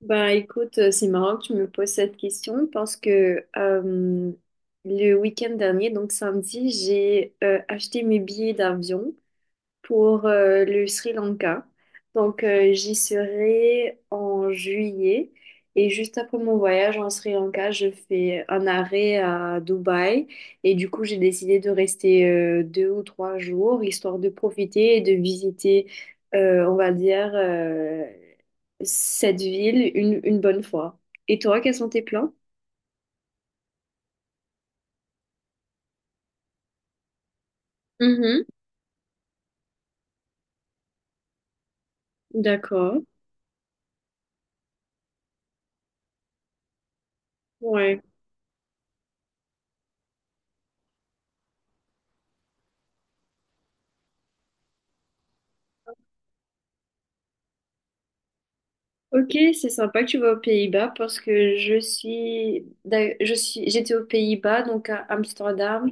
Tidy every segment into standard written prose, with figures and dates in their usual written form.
Bah écoute, c'est marrant que tu me poses cette question parce que le week-end dernier, donc samedi, j'ai acheté mes billets d'avion pour le Sri Lanka. Donc, j'y serai en juillet. Et juste après mon voyage en Sri Lanka, je fais un arrêt à Dubaï. Et du coup, j'ai décidé de rester deux ou trois jours, histoire de profiter et de visiter, on va dire, cette ville une bonne fois. Et toi, quels sont tes plans? Mhm, d'accord. Ouais. Ok, c'est sympa que tu vas aux Pays-Bas parce que je suis, d'a- je suis, j'étais aux Pays-Bas, donc à Amsterdam,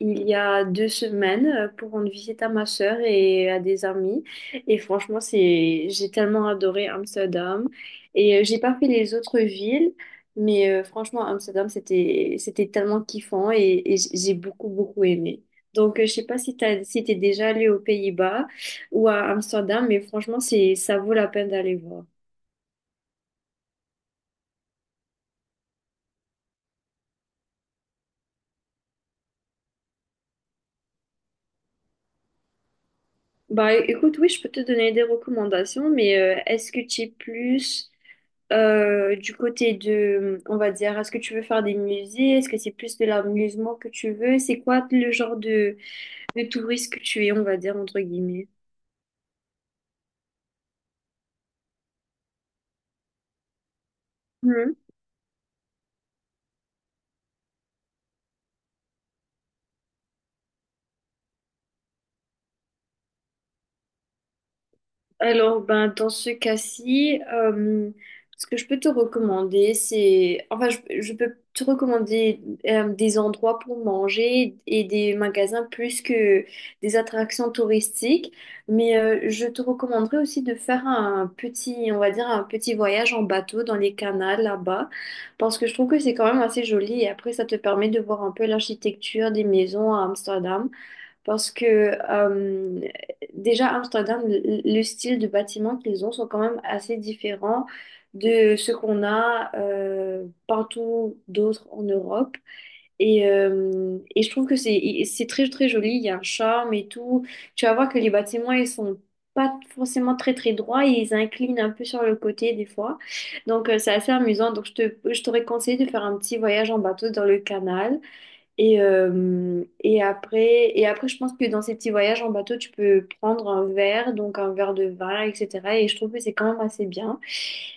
il y a deux semaines pour rendre visite à ma sœur et à des amis. Et franchement, j'ai tellement adoré Amsterdam. Et j'ai pas fait les autres villes, mais franchement, Amsterdam, c'était tellement kiffant et j'ai beaucoup aimé. Donc, je sais pas si si t'es déjà allé aux Pays-Bas ou à Amsterdam, mais franchement, c'est, ça vaut la peine d'aller voir. Bah écoute, oui, je peux te donner des recommandations, mais est-ce que tu es plus du côté de, on va dire, est-ce que tu veux faire des musées? Est-ce que c'est plus de l'amusement que tu veux? C'est quoi le genre de touriste que tu es, on va dire, entre guillemets? Alors, ben, dans ce cas-ci, ce que je peux te recommander, c'est... Enfin, je peux te recommander des endroits pour manger et des magasins plus que des attractions touristiques. Mais je te recommanderais aussi de faire un petit, on va dire, un petit voyage en bateau dans les canals là-bas, parce que je trouve que c'est quand même assez joli et après, ça te permet de voir un peu l'architecture des maisons à Amsterdam. Parce que euh, déjà, à Amsterdam, le style de bâtiments qu'ils ont sont quand même assez différents de ce qu'on a partout d'autres en Europe. Et, et je trouve que c'est très joli, il y a un charme et tout. Tu vas voir que les bâtiments, ils sont pas forcément très droits et ils inclinent un peu sur le côté des fois. Donc c'est assez amusant. Donc je t'aurais conseillé de faire un petit voyage en bateau dans le canal. Et, et après, je pense que dans ces petits voyages en bateau, tu peux prendre un verre, donc un verre de vin, etc. Et je trouve que c'est quand même assez bien.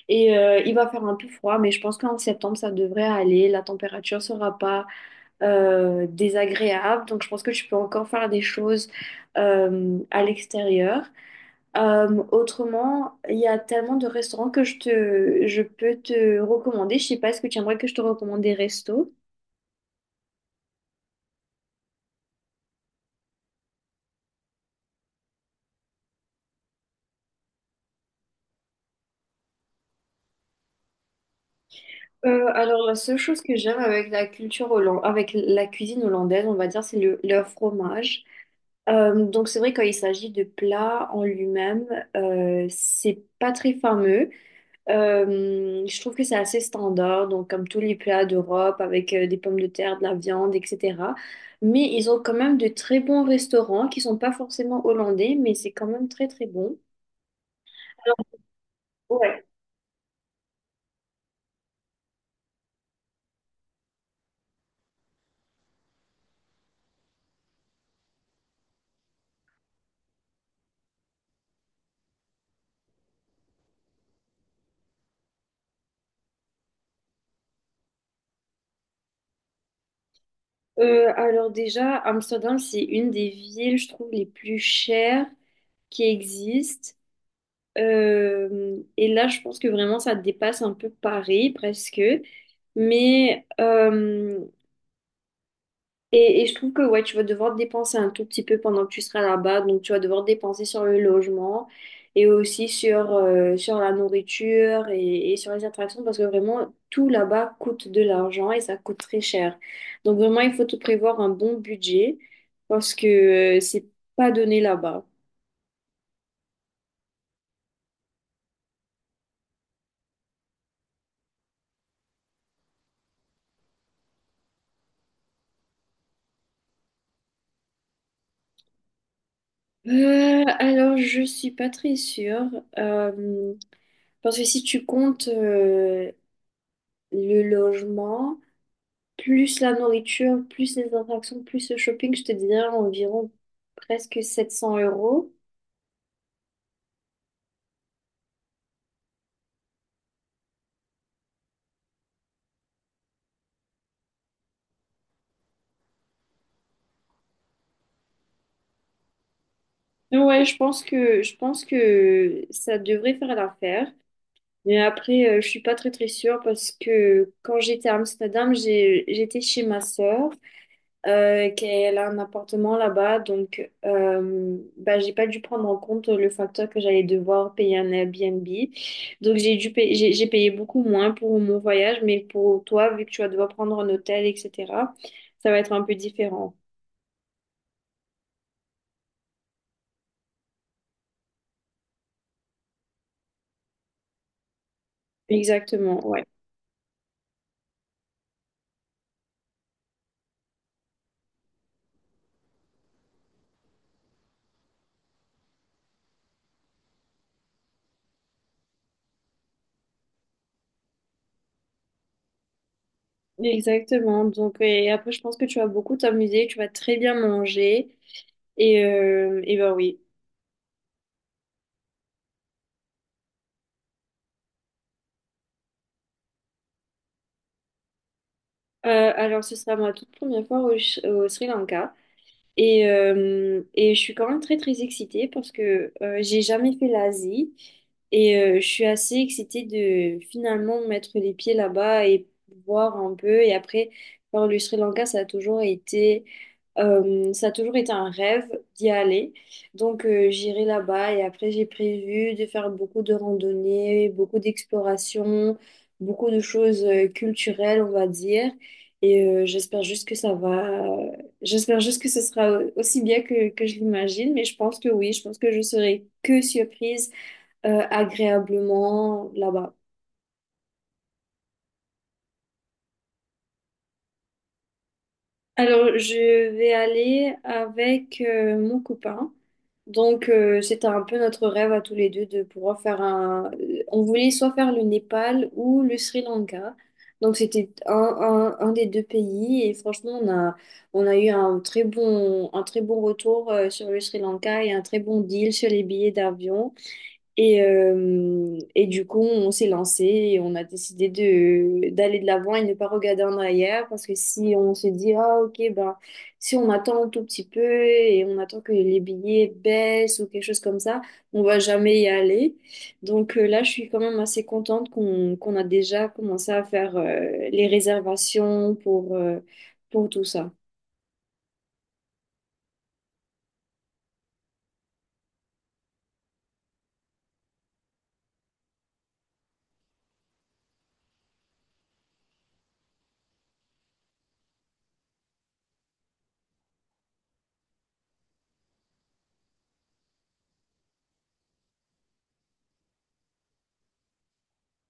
Et il va faire un peu froid, mais je pense qu'en septembre, ça devrait aller. La température sera pas désagréable. Donc, je pense que tu peux encore faire des choses à l'extérieur. Autrement, il y a tellement de restaurants que je peux te recommander. Je sais pas, est-ce que tu aimerais que je te recommande des restos? Alors, la seule chose que j'aime avec la culture hollandaise, avec la cuisine hollandaise, on va dire, c'est leur fromage. Donc, c'est vrai, quand il s'agit de plats en lui-même, c'est pas très fameux. Je trouve que c'est assez standard, donc comme tous les plats d'Europe, avec des pommes de terre, de la viande, etc. Mais ils ont quand même de très bons restaurants qui sont pas forcément hollandais, mais c'est quand même très, très bon. Ouais. Alors déjà, Amsterdam, c'est une des villes, je trouve, les plus chères qui existe. Et là, je pense que vraiment, ça dépasse un peu Paris, presque. Mais, et je trouve que, ouais, tu vas devoir dépenser un tout petit peu pendant que tu seras là-bas. Donc, tu vas devoir dépenser sur le logement et aussi sur la nourriture et sur les attractions parce que vraiment, tout là-bas coûte de l'argent et ça coûte très cher. Donc, vraiment, il faut te prévoir un bon budget parce que c'est pas donné là-bas. Alors, je suis pas très sûre. euh, Parce que si tu comptes le logement, plus la nourriture, plus les attractions, plus le shopping, je te dirais environ presque 700 euros. Ouais, je pense que ça devrait faire l'affaire. Mais après, je suis pas très très sûre parce que quand j'étais à Amsterdam, j'étais chez ma sœur. Euh, qu'elle a un appartement là-bas. Donc, bah, j'ai pas dû prendre en compte le facteur que j'allais devoir payer un Airbnb. Donc, j'ai payé beaucoup moins pour mon voyage, mais pour toi, vu que tu vas devoir prendre un hôtel, etc., ça va être un peu différent. Exactement, ouais. Exactement. Donc, et après, je pense que tu vas beaucoup t'amuser, tu vas très bien manger. Et, et ben oui. Alors, ce sera ma toute première fois au Sri Lanka. Et, et je suis quand même très très excitée parce que j'ai jamais fait l'Asie et je suis assez excitée de finalement mettre les pieds là-bas et voir un peu. Et après, par le Sri Lanka, ça a toujours été un rêve d'y aller. Donc j'irai là-bas et après j'ai prévu de faire beaucoup de randonnées, beaucoup d'explorations, beaucoup de choses culturelles, on va dire. Et j'espère juste que ça va. J'espère juste que ce sera aussi bien que je l'imagine, mais je pense que oui, je pense que je serai que surprise agréablement là-bas. Alors, je vais aller avec mon copain. Donc, c'était un peu notre rêve à tous les deux de pouvoir faire un... On voulait soit faire le Népal ou le Sri Lanka. Donc, c'était un des deux pays et franchement, on a eu un très un très bon retour sur le Sri Lanka et un très bon deal sur les billets d'avion. Et, et du coup, on s'est lancé et on a décidé de d'aller de l'avant et ne pas regarder en arrière parce que si on se dit, ah ok, ben, si on attend un tout petit peu et on attend que les billets baissent ou quelque chose comme ça, on va jamais y aller. Donc là, je suis quand même assez contente qu'on a déjà commencé à faire les réservations pour tout ça.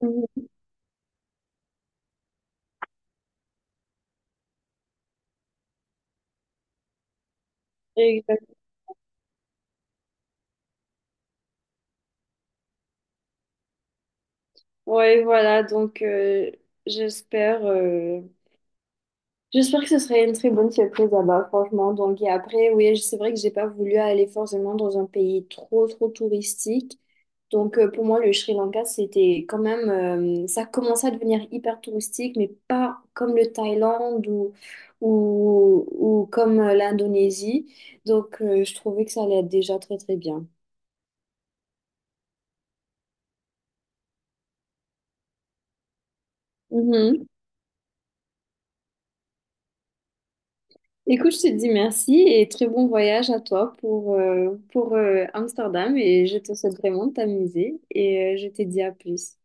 Mhm. Exact. Ouais, voilà, donc j'espère. J'espère que ce serait une très bonne surprise là-bas, franchement. Donc, et après, oui, c'est vrai que j'ai pas voulu aller forcément dans un pays trop, trop touristique. Donc, pour moi, le Sri Lanka, c'était quand même, ça commençait à devenir hyper touristique, mais pas comme le Thaïlande ou, ou comme l'Indonésie. Donc, je trouvais que ça allait être déjà très, très bien. Écoute, je te dis merci et très bon voyage à toi pour Amsterdam et je te souhaite vraiment de t'amuser et je te dis à plus.